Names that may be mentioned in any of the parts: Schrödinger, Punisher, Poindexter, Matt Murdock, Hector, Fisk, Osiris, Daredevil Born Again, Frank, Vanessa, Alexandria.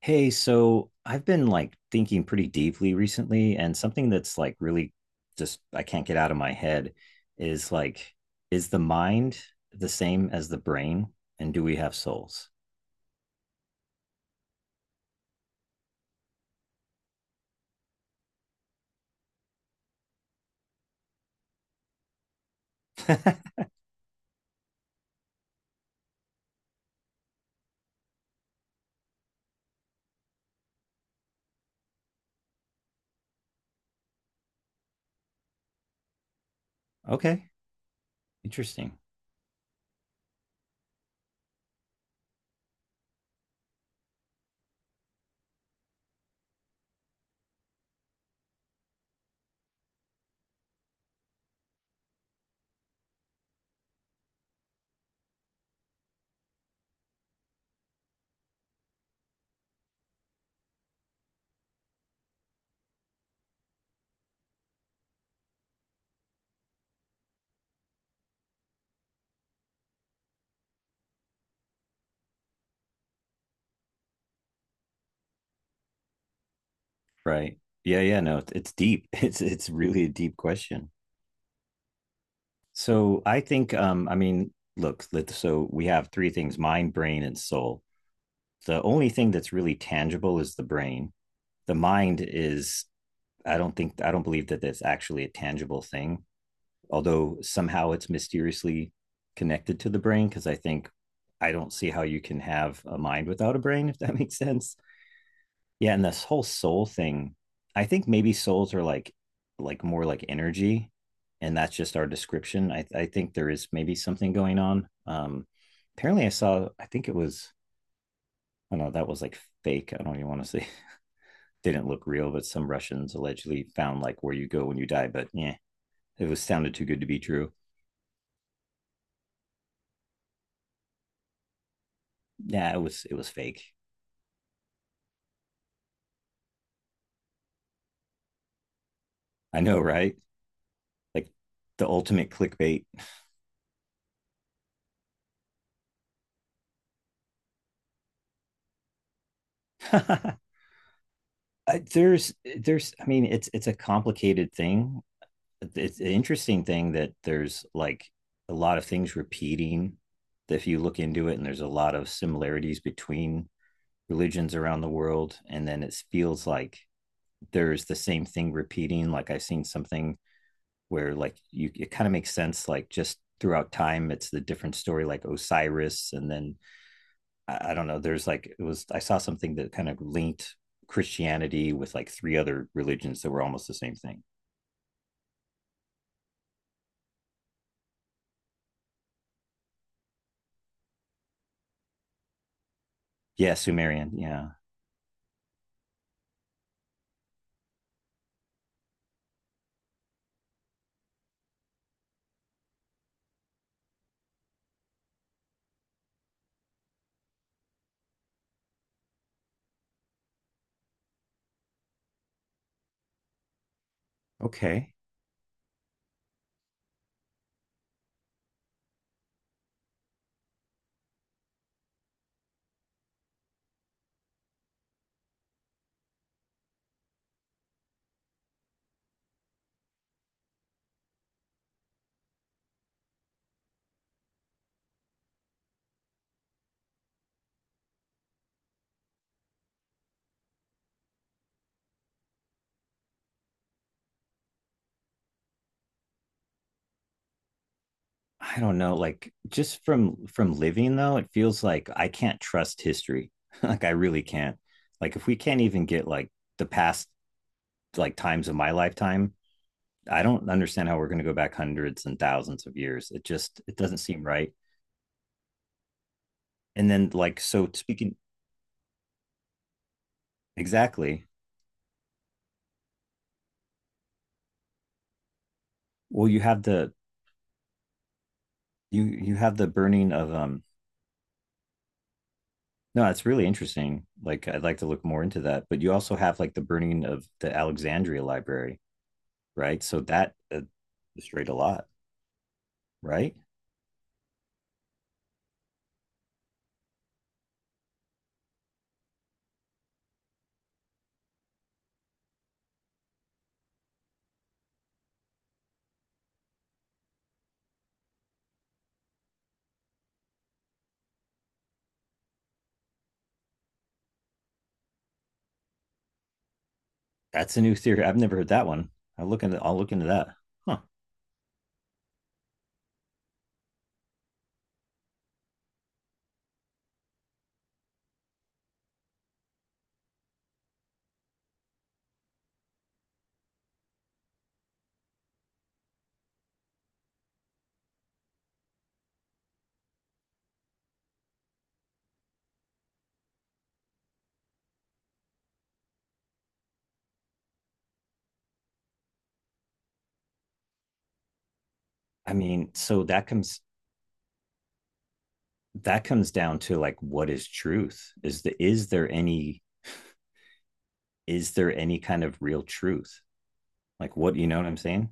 Hey, so I've been like thinking pretty deeply recently, and something that's like really just, I can't get out of my head is like, is the mind the same as the brain? And do we have souls? Okay, interesting. Right. Yeah, yeah, no, it's deep. It's really a deep question. So I think I mean, look, so we have three things, mind, brain, and soul. The only thing that's really tangible is the brain. The mind is I don't believe that that's actually a tangible thing, although somehow it's mysteriously connected to the brain because I don't see how you can have a mind without a brain if that makes sense. Yeah, and this whole soul thing, I think maybe souls are like more like energy, and that's just our description. I think there is maybe something going on. Apparently I think it was, I don't know, that was like fake. I don't even want to say didn't look real, but some Russians allegedly found like where you go when you die, but yeah, it was sounded too good to be true. Nah, it was fake. I know, right? Like the ultimate clickbait. There's I mean it's a complicated thing. It's an interesting thing that there's like a lot of things repeating if you look into it, and there's a lot of similarities between religions around the world, and then it feels like there's the same thing repeating. Like I've seen something where like you, it kind of makes sense, like just throughout time it's the different story, like Osiris, and then I don't know, there's like it was, I saw something that kind of linked Christianity with like three other religions that were almost the same thing. Yeah, Sumerian, yeah. Okay, I don't know, like just from living though, it feels like I can't trust history. Like I really can't, like if we can't even get like the past, like times of my lifetime, I don't understand how we're going to go back hundreds and thousands of years. It just, it doesn't seem right. And then like so speaking, exactly. Well, you have the, you have the burning of no, it's really interesting. Like I'd like to look more into that, but you also have like the burning of the Alexandria library, right? So that, destroyed a lot, right? That's a new theory. I've never heard that one. I'll look into that. Huh. I mean, so that comes, that comes down to like, what is truth? Is there any, is there any kind of real truth? Like, what, you know what I'm saying?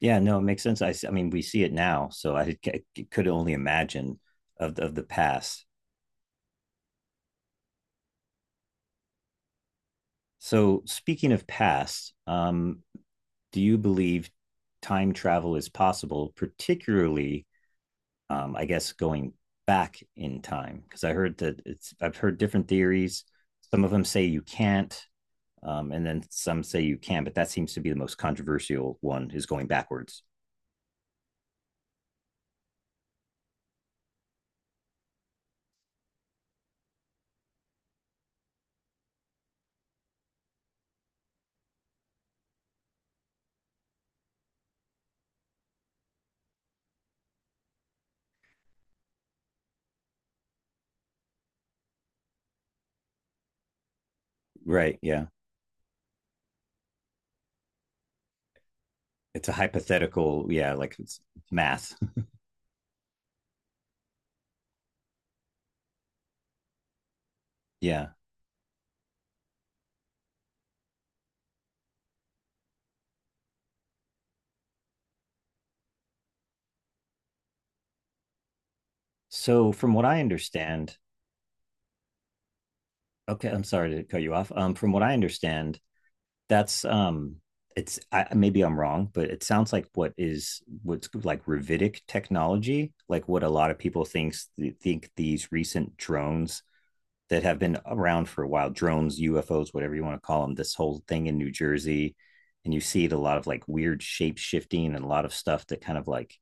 Yeah, no, it makes sense. I mean, we see it now, so I could only imagine of the past. So, speaking of past, do you believe time travel is possible, particularly, I guess, going back in time? Because I've heard different theories. Some of them say you can't. And then some say you can, but that seems to be the most controversial one is going backwards. Right. Yeah. It's a hypothetical. Yeah. Like it's math. Yeah. So from what I understand, okay, I'm sorry to cut you off. From what I understand, that's, um, maybe I'm wrong, but it sounds like what's like Ravitic technology, like what a lot of people think these recent drones that have been around for a while, drones, UFOs, whatever you want to call them, this whole thing in New Jersey, and you see it a lot of like weird shape shifting and a lot of stuff that kind of like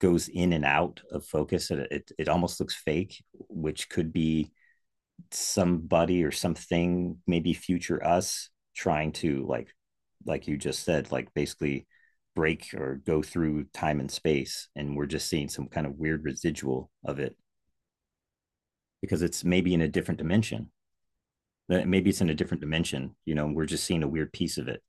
goes in and out of focus, and it almost looks fake, which could be somebody or something, maybe future us, trying to like you just said, like basically break or go through time and space, and we're just seeing some kind of weird residual of it because it's maybe in a different dimension. Maybe it's in a different dimension. You know, we're just seeing a weird piece of it.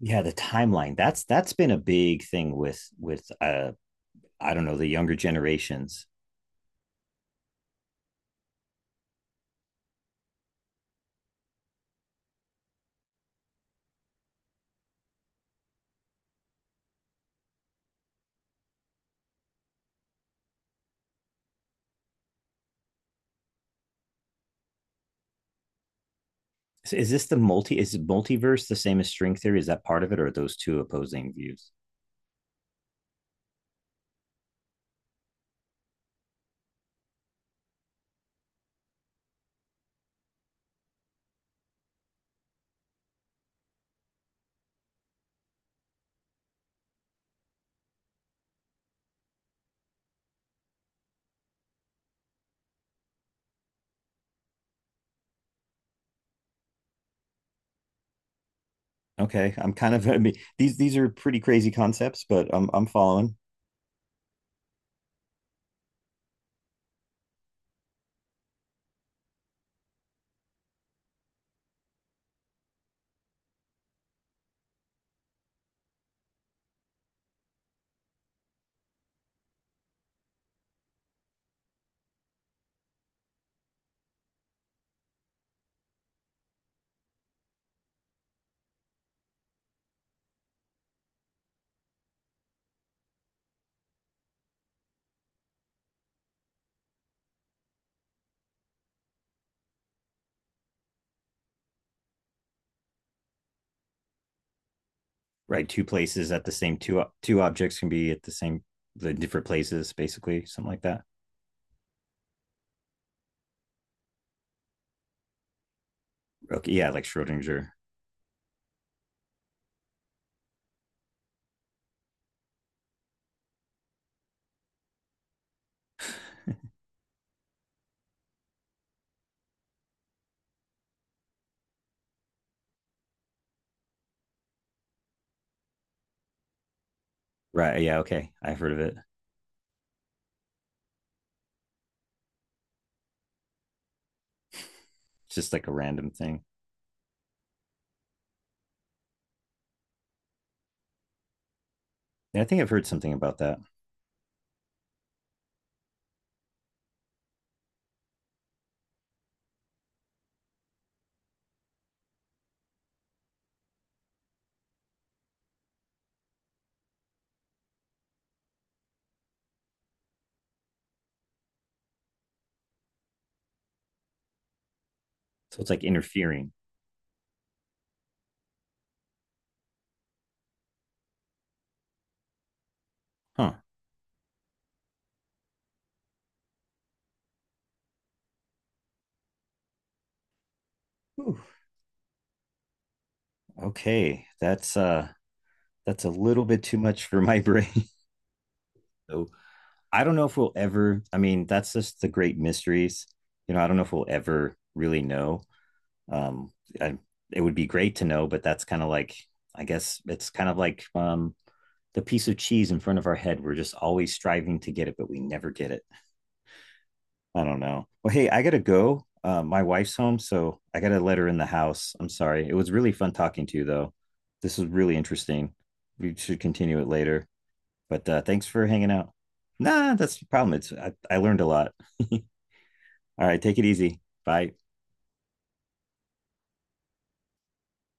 Yeah, the timeline. That's been a big thing with uh, I don't know, the younger generations. So is this the multi? Is multiverse the same as string theory? Is that part of it, or are those two opposing views? Okay, I'm kind of, I mean, these are pretty crazy concepts, but I'm following. Right, two places at the same, two objects can be at the same, the different places, basically something like that. Okay, yeah, like Schrodinger. Right, yeah, okay, I've heard of it. It's just like a random thing. Yeah, I think I've heard something about that. So it's like interfering. Huh. Whew. Okay. That's, uh, that's a little bit too much for my brain. So I don't know if we'll ever, I mean, that's just the great mysteries. You know, I don't know if we'll ever really know. Um, I, it would be great to know, but that's kind of like, I guess it's kind of like, um, the piece of cheese in front of our head. We're just always striving to get it, but we never get it. I don't know. Well, hey, I gotta go. My wife's home, so I gotta let her in the house. I'm sorry. It was really fun talking to you, though. This was really interesting. We should continue it later. But thanks for hanging out. Nah, that's the problem. It's I learned a lot. All right, take it easy. Bye.